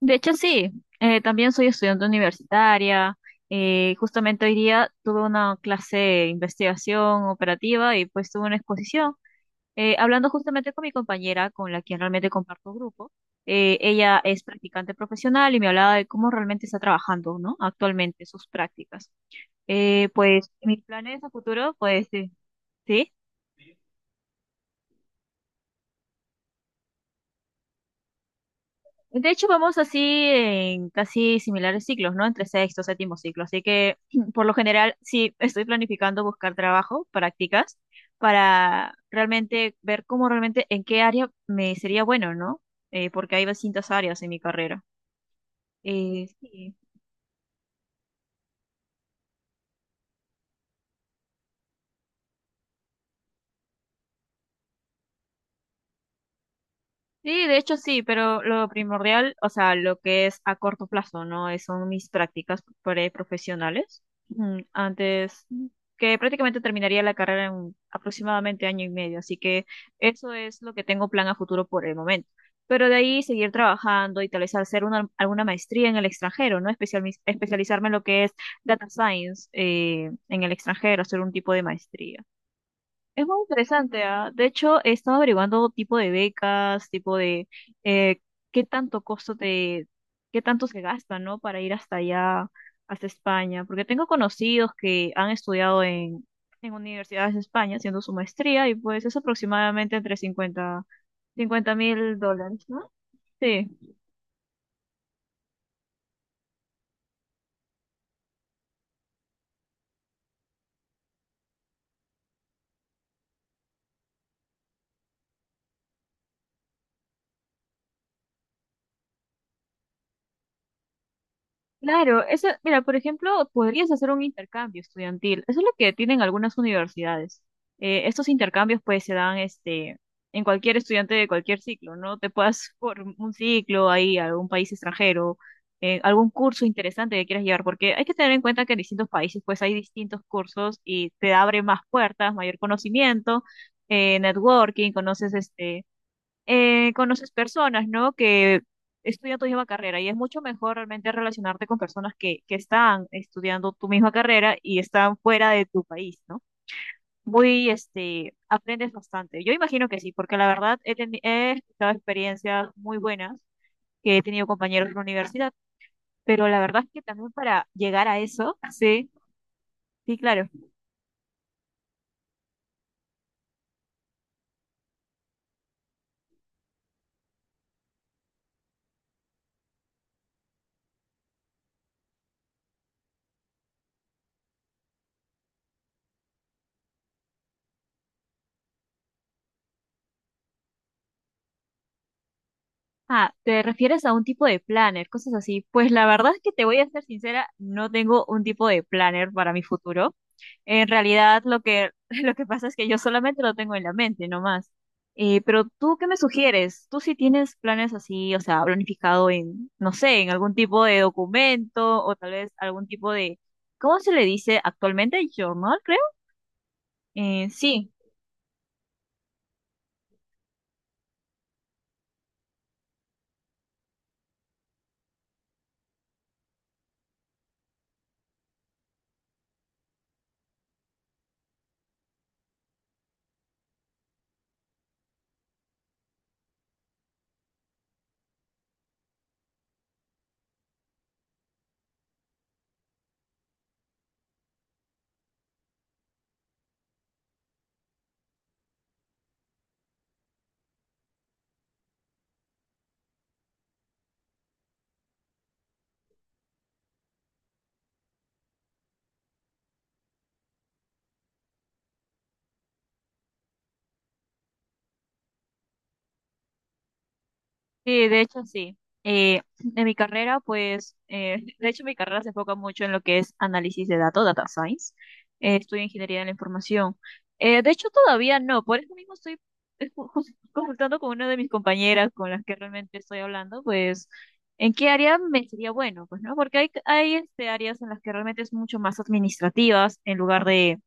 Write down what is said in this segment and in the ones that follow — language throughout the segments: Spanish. De hecho, sí, también soy estudiante universitaria. Justamente hoy día tuve una clase de investigación operativa y pues tuve una exposición. Hablando justamente con mi compañera, con la que realmente comparto grupo, ella es practicante profesional y me hablaba de cómo realmente está trabajando, ¿no? Actualmente sus prácticas. Pues mis planes a futuro, pues sí. ¿Sí? De hecho, vamos así en casi similares ciclos, ¿no? Entre sexto, séptimo ciclo. Así que, por lo general, sí estoy planificando buscar trabajo, prácticas, para realmente ver cómo realmente, en qué área me sería bueno, ¿no? Porque hay distintas áreas en mi carrera. Sí. Sí, de hecho sí, pero lo primordial, o sea, lo que es a corto plazo, ¿no? Son mis prácticas preprofesionales. mm, Antes, mm, que prácticamente terminaría la carrera en aproximadamente año y medio, así que eso es lo que tengo plan a futuro por el momento. Pero de ahí seguir trabajando y tal vez hacer una, alguna maestría en el extranjero, ¿no? Especializarme en lo que es data science en el extranjero, hacer un tipo de maestría. Es muy interesante, ¿ah? De hecho, he estado averiguando tipo de becas, tipo de eh, qué tanto costo te, qué tanto se gasta, ¿no? Para ir hasta allá, hasta España. Porque tengo conocidos que han estudiado en universidades de España haciendo su maestría y pues es aproximadamente entre cincuenta mil dólares, ¿no? Sí. Claro, eso, mira, por ejemplo, podrías hacer un intercambio estudiantil. Eso es lo que tienen algunas universidades. Estos intercambios pues se dan en cualquier estudiante de cualquier ciclo, ¿no? Te puedas por un ciclo ahí a algún país extranjero, algún curso interesante que quieras llevar, porque hay que tener en cuenta que en distintos países pues hay distintos cursos y te abre más puertas, mayor conocimiento, networking, conoces personas, ¿no? Que estudian tu misma carrera y es mucho mejor realmente relacionarte con personas que están estudiando tu misma carrera y están fuera de tu país, ¿no? Muy, aprendes bastante. Yo imagino que sí, porque la verdad he escuchado experiencias muy buenas que he tenido compañeros en la universidad, pero la verdad es que también para llegar a eso, sí, sí, claro. Ah, ¿te refieres a un tipo de planner, cosas así? Pues la verdad es que te voy a ser sincera, no tengo un tipo de planner para mi futuro. En realidad, lo que, lo que pasa es que yo solamente lo tengo en la mente, no más. Pero tú, ¿qué me sugieres? ¿Tú sí tienes planes así, o sea, planificado en, no sé, en algún tipo de documento o tal vez algún tipo de, ¿cómo se le dice actualmente? Journal, creo. Sí. Sí, de hecho sí. Eh, en mi carrera, pues, de hecho mi carrera se enfoca mucho en lo que es análisis de datos, data science. Estudio ingeniería de la información. De hecho todavía no, por eso mismo estoy consultando con una de mis compañeras con las que realmente estoy hablando, pues, en qué área me sería bueno, pues, ¿no? Porque hay áreas en las que realmente es mucho más administrativas en lugar de,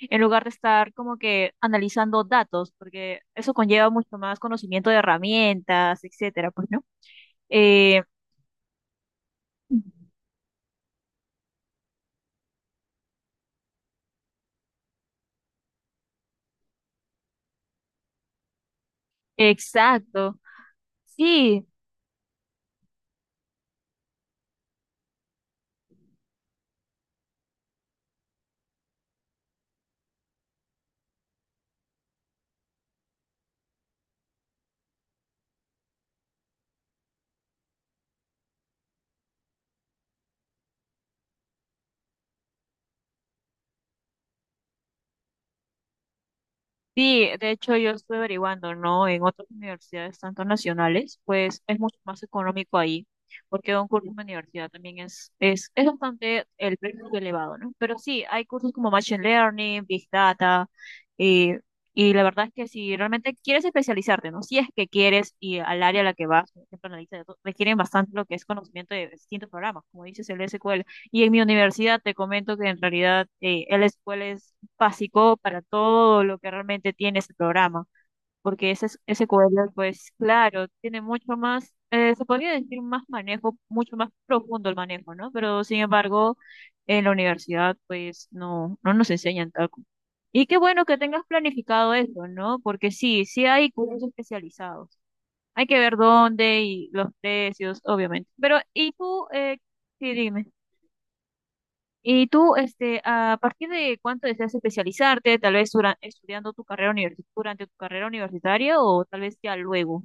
estar como que analizando datos, porque eso conlleva mucho más conocimiento de herramientas, etcétera, pues, ¿no? Eh, exacto. Sí, sí, de hecho yo estuve averiguando, ¿no? En otras universidades, tanto nacionales, pues es mucho más económico ahí, porque un curso en la universidad también es bastante, el precio es elevado, ¿no? Pero sí, hay cursos como Machine Learning, Big Data, y, y la verdad es que si realmente quieres especializarte, ¿no? Si es que quieres y al área a la que vas, por ejemplo, analista de datos, requieren bastante lo que es conocimiento de distintos programas, como dices el SQL. Y en mi universidad te comento que en realidad el SQL es básico para todo lo que realmente tiene ese programa, porque ese, ese cuadro, pues claro, tiene mucho más, se podría decir más manejo, mucho más profundo el manejo, ¿no? Pero sin embargo, en la universidad, pues no, no nos enseñan tal y qué bueno que tengas planificado eso, ¿no? Porque sí, sí hay cursos especializados. Hay que ver dónde y los precios, obviamente. Pero, ¿y tú? Sí, dime. Y tú, ¿a partir de cuánto deseas especializarte? Tal vez estudiando tu carrera durante tu carrera universitaria o tal vez ya luego.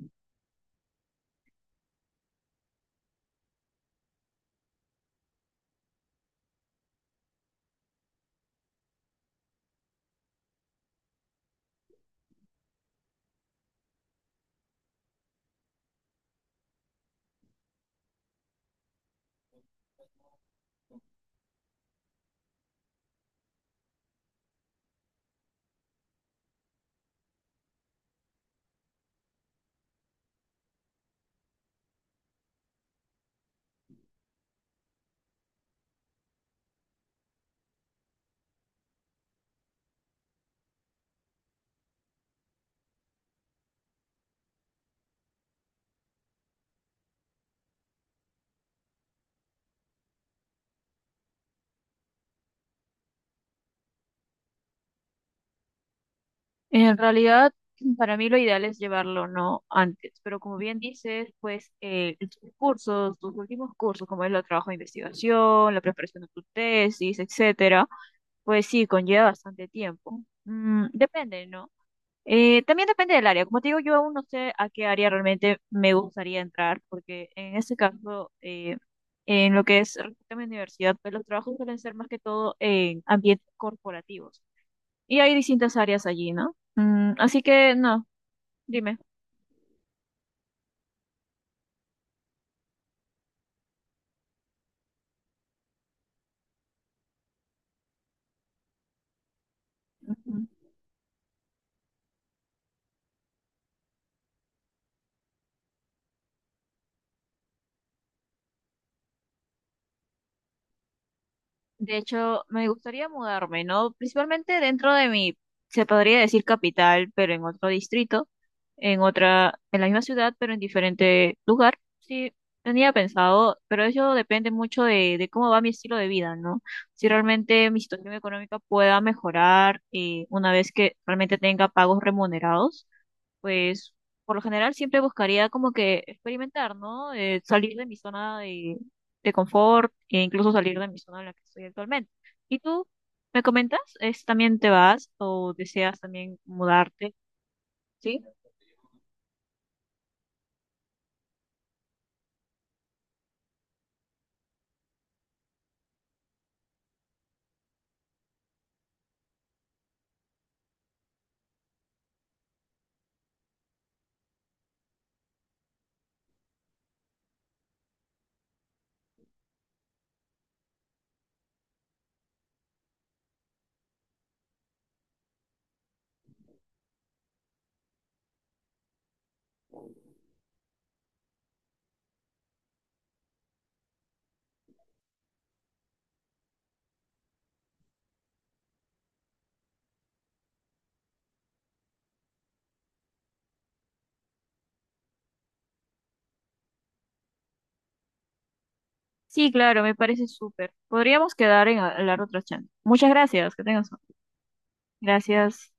En realidad, para mí lo ideal es llevarlo no antes, pero como bien dices, pues tus cursos, tus últimos cursos, como es el trabajo de investigación, la preparación de tu tesis, etcétera, pues sí, conlleva bastante tiempo. Depende, ¿no? También depende del área. Como te digo, yo aún no sé a qué área realmente me gustaría entrar, porque en ese caso, en lo que es respecto a mi universidad, pues los trabajos suelen ser más que todo en ambientes corporativos. Y hay distintas áreas allí, ¿no? Así que, no, dime. Ujú. De hecho, me gustaría mudarme, ¿no? Principalmente dentro de mi, se podría decir capital, pero en otro distrito. En otra, en la misma ciudad, pero en diferente lugar. Sí, tenía pensado, pero eso depende mucho de cómo va mi estilo de vida, ¿no? Si realmente mi situación económica pueda mejorar una vez que realmente tenga pagos remunerados, pues por lo general siempre buscaría como que experimentar, ¿no? Salir de mi zona de confort e incluso salir de mi zona en la que estoy actualmente. ¿Y tú me comentas? ¿También te vas o deseas también mudarte? ¿Sí? Sí, claro, me parece súper. Podríamos quedar en hablar otra chance. Muchas gracias, que tengas. Gracias.